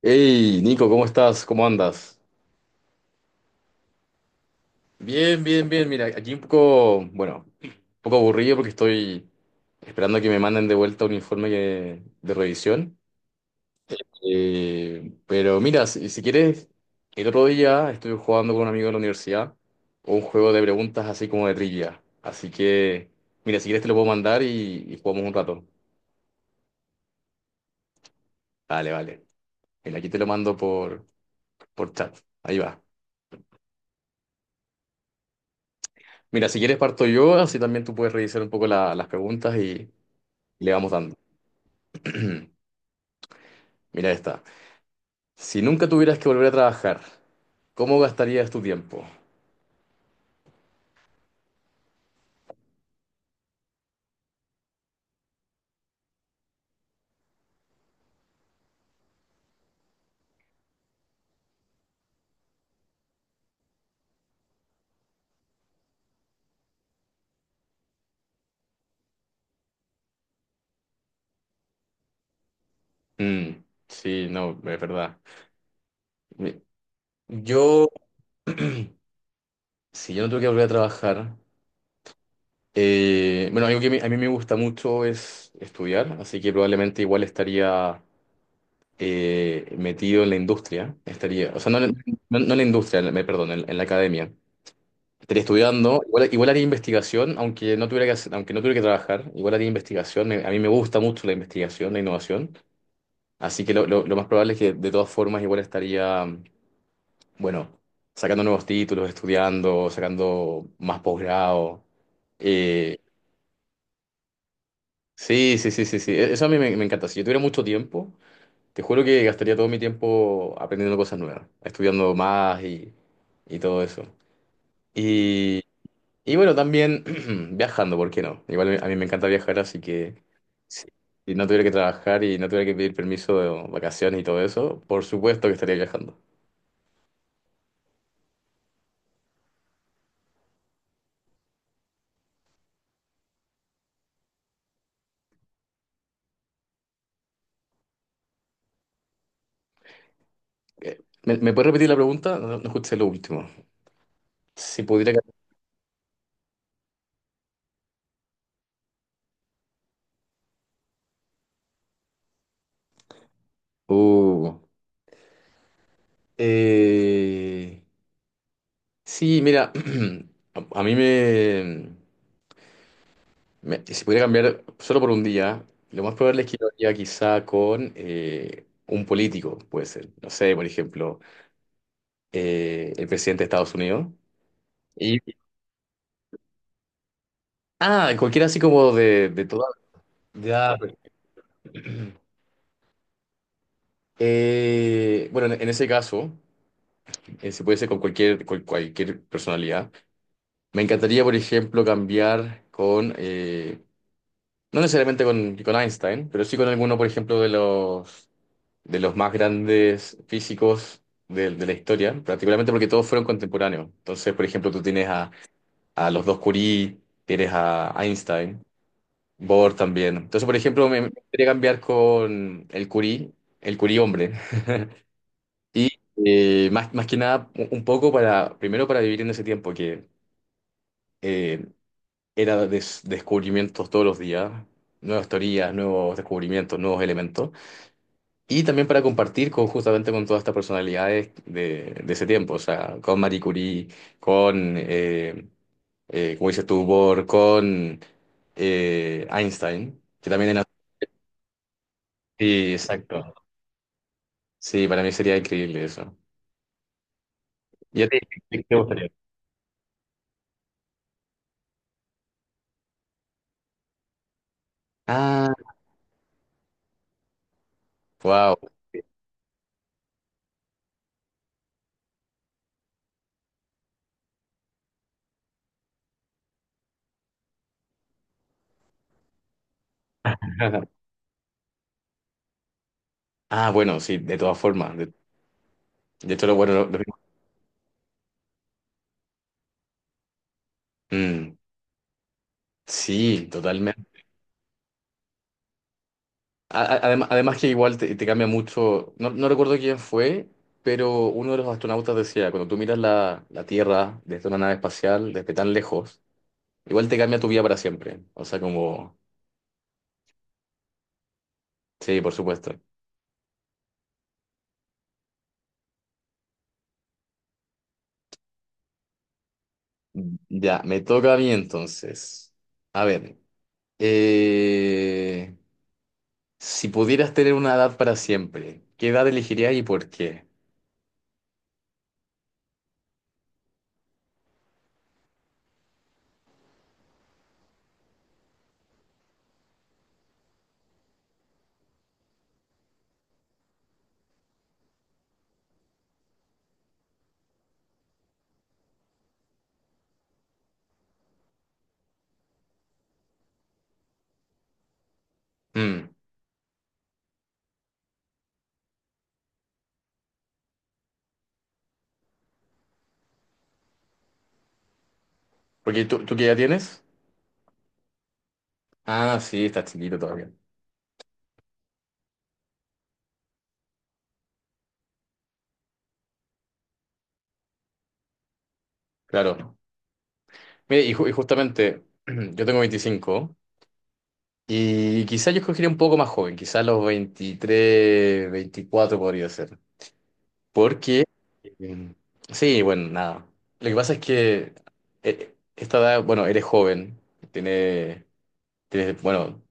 Hey, Nico, ¿cómo estás? ¿Cómo andas? Bien, bien, bien. Mira, aquí un poco, bueno, un poco aburrido porque estoy esperando a que me manden de vuelta un informe de revisión. Pero mira, si quieres, el otro día estuve jugando con un amigo de la universidad un juego de preguntas así como de trivia. Así que, mira, si quieres te lo puedo mandar y jugamos un rato. Vale, vale. Mira, aquí te lo mando por chat. Ahí va. Mira, si quieres parto yo, así también tú puedes revisar un poco las preguntas y le vamos dando. Mira esta. Si nunca tuvieras que volver a trabajar, ¿cómo gastarías tu tiempo? Mm, sí, no, es verdad. Mi- Yo, si yo no tuviera que volver a trabajar, bueno, algo que a mí me gusta mucho es estudiar, así que probablemente igual estaría metido en la industria. Estaría, o sea, no, en no en la industria, me perdón, en la academia. Estaría estudiando, igual haría investigación, aunque no tuviera que hacer- aunque no tuviera que trabajar, igual haría investigación. A mí me gusta mucho la investigación, la innovación, así que lo más probable es que de todas formas igual estaría, bueno, sacando nuevos títulos, estudiando, sacando más posgrado. Eh, sí, sí, sí, sí, sí, eso a mí me encanta. Si yo tuviera mucho tiempo, te juro que gastaría todo mi tiempo aprendiendo cosas nuevas, estudiando más y todo eso. Y bueno, también viajando, ¿por qué no? Igual a mí me encanta viajar, así que si si no tuviera que trabajar y no tuviera que pedir permiso de vacaciones y todo eso, por supuesto que estaría viajando. ¿Me puedes repetir la pregunta? No, no escuché lo último. Si pudiera... Uh. Eh, sí, mira, a mí si pudiera cambiar solo por un día, lo más probable es que yo iría quizá con un político, puede ser. No sé, por ejemplo, el presidente de Estados Unidos. Y, cualquiera así como de, de toda. Ya, pues. Bueno, en ese caso, se puede hacer con cualquier, cualquier personalidad. Me encantaría, por ejemplo, cambiar con, no necesariamente con, Einstein, pero sí con alguno, por ejemplo, de los más grandes físicos de la historia, particularmente porque todos fueron contemporáneos. Entonces, por ejemplo, tú tienes a los dos Curie, tienes a Einstein. Bor también. Entonces, por ejemplo, me gustaría cambiar con el Curí hombre. Y más, más que nada, un poco para, primero para vivir en ese tiempo que eh, era descubrimientos todos los días, nuevas teorías, nuevos descubrimientos, nuevos elementos. Y también para compartir con, justamente con todas estas personalidades de ese tiempo, o sea, con Marie Curie, con, como dices tú, Bohr, con Einstein, que también era... Sí, exacto. Sí, para mí sería increíble eso. ¿Y a ti qué te gustaría? Ah, wow. Ah, bueno, sí, de todas formas. De hecho, lo bueno, lo. Mm, sí, totalmente. Además que igual te cambia mucho, no, no recuerdo quién fue, pero uno de los astronautas decía, cuando tú miras la Tierra desde una nave espacial, desde tan lejos, igual te cambia tu vida para siempre. O sea, como, sí, por supuesto. Ya, me toca a mí entonces. A ver, eh, si pudieras tener una edad para siempre, ¿qué edad elegirías y por qué? Mm. Porque tú, ¿ qué edad tienes? Ah, sí, estás chiquito todavía. Claro. Mire, y justamente, yo tengo 25 y quizás yo escogería un poco más joven, quizás los 23, 24 podría ser. Porque, eh, sí, bueno, nada. Lo que pasa es que esta edad, bueno, eres joven, tienes, bueno,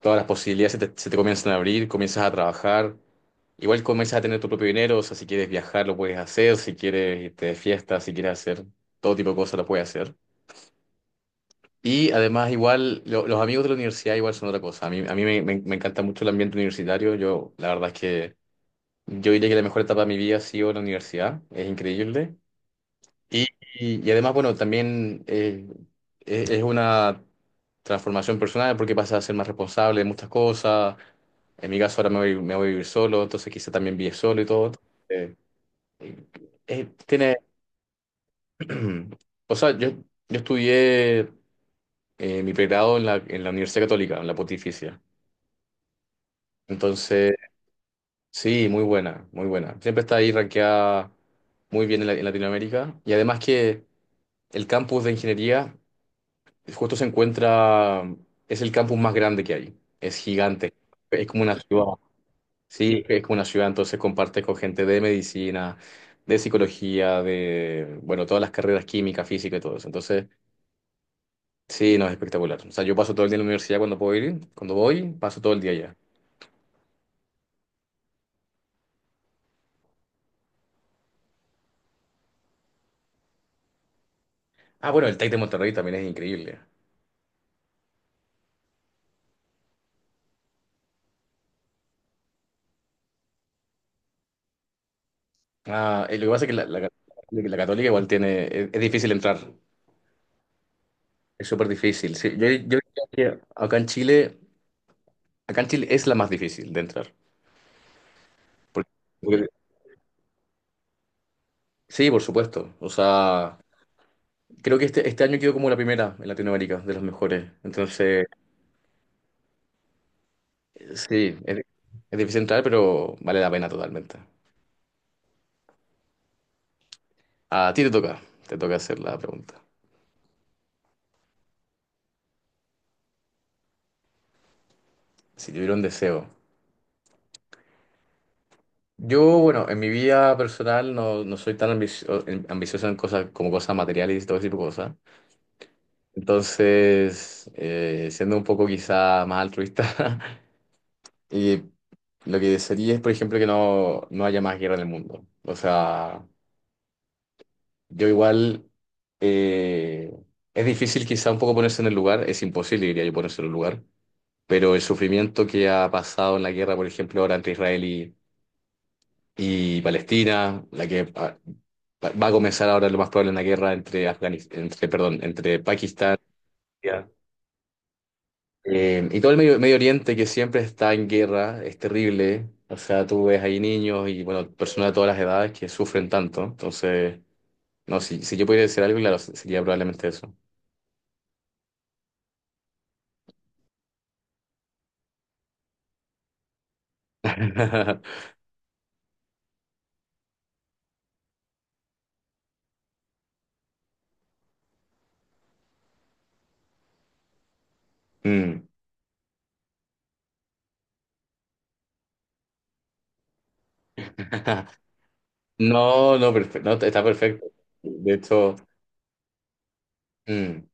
todas las posibilidades se te comienzan a abrir, comienzas a trabajar. Igual comienzas a tener tu propio dinero, o sea, si quieres viajar lo puedes hacer, si quieres irte de fiesta, si quieres hacer todo tipo de cosas lo puedes hacer. Y además igual los amigos de la universidad igual son otra cosa. A mí me encanta mucho el ambiente universitario. Yo la verdad es que yo diría que la mejor etapa de mi vida ha sido la universidad. Es increíble. Y, y además, bueno, también es, una transformación personal porque pasas a ser más responsable de muchas cosas. En mi caso ahora me voy a vivir solo, entonces quizá también vive solo y todo. Eh, tiene, o sea, yo estudié mi pregrado en la Universidad Católica, en la Pontificia. Entonces, sí, muy buena, muy buena. Siempre está ahí rankeada muy bien en Latinoamérica. Y además que el campus de ingeniería justo se encuentra, es el campus más grande que hay. Es gigante. Es como una ciudad. Sí, es como una ciudad. Entonces compartes con gente de medicina, de psicología, de, bueno, todas las carreras química, física y todo eso. Entonces... Sí, no, es espectacular. O sea, yo paso todo el día en la universidad cuando puedo ir, cuando voy, paso todo el día allá. Ah, bueno, el Tec de Monterrey también es increíble. Ah, lo que pasa es que la Católica igual tiene, es, difícil entrar, es súper difícil. Sí, yo diría que acá en Chile es la más difícil de entrar. Porque- porque- sí, por supuesto. O sea, creo que este año quedó como la primera en Latinoamérica, de los mejores. Entonces, sí, es difícil entrar, pero vale la pena totalmente. A ti te toca hacer la pregunta. Si tuviera un deseo. Yo, bueno, en mi vida personal no, no soy tan ambicioso en cosas como cosas materiales y todo ese tipo de cosas. Entonces, siendo un poco quizá más altruista, y lo que desearía es, por ejemplo, que no, no haya más guerra en el mundo. O sea, yo igual, eh, es difícil quizá un poco ponerse en el lugar, es imposible, diría yo, ponerse en el lugar, pero el sufrimiento que ha pasado en la guerra, por ejemplo, ahora entre Israel y Palestina, la que va a comenzar ahora lo más probable una guerra entre entre, perdón, entre Pakistán India, y todo el Medio Oriente que siempre está en guerra, es terrible. O sea, tú ves ahí niños y bueno, personas de todas las edades que sufren tanto. Entonces, no, si yo pudiera decir algo, claro, sería probablemente eso. Mm. No, no, perfecto, está perfecto. De hecho, mm,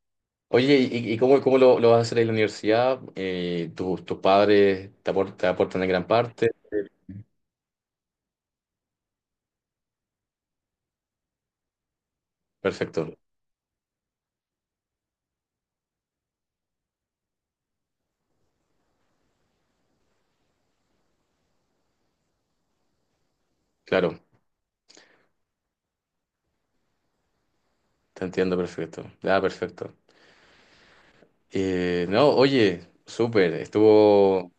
Oye, ¿y cómo, lo vas a hacer ahí en la universidad? ¿Tus padres te aportan, en gran parte? Perfecto, claro, te entiendo perfecto. Ah, perfecto. No, oye, súper, estuvo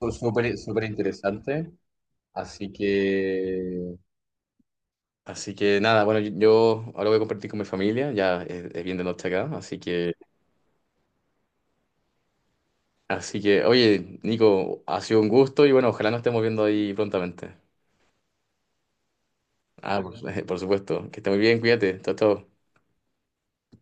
estuvo súper, súper interesante. Así que nada, bueno, yo ahora voy a compartir con mi familia, ya es bien de noche acá, así que, oye, Nico, ha sido un gusto y bueno, ojalá nos estemos viendo ahí prontamente. Ah, por, por supuesto, que esté muy bien, cuídate, chao, chao.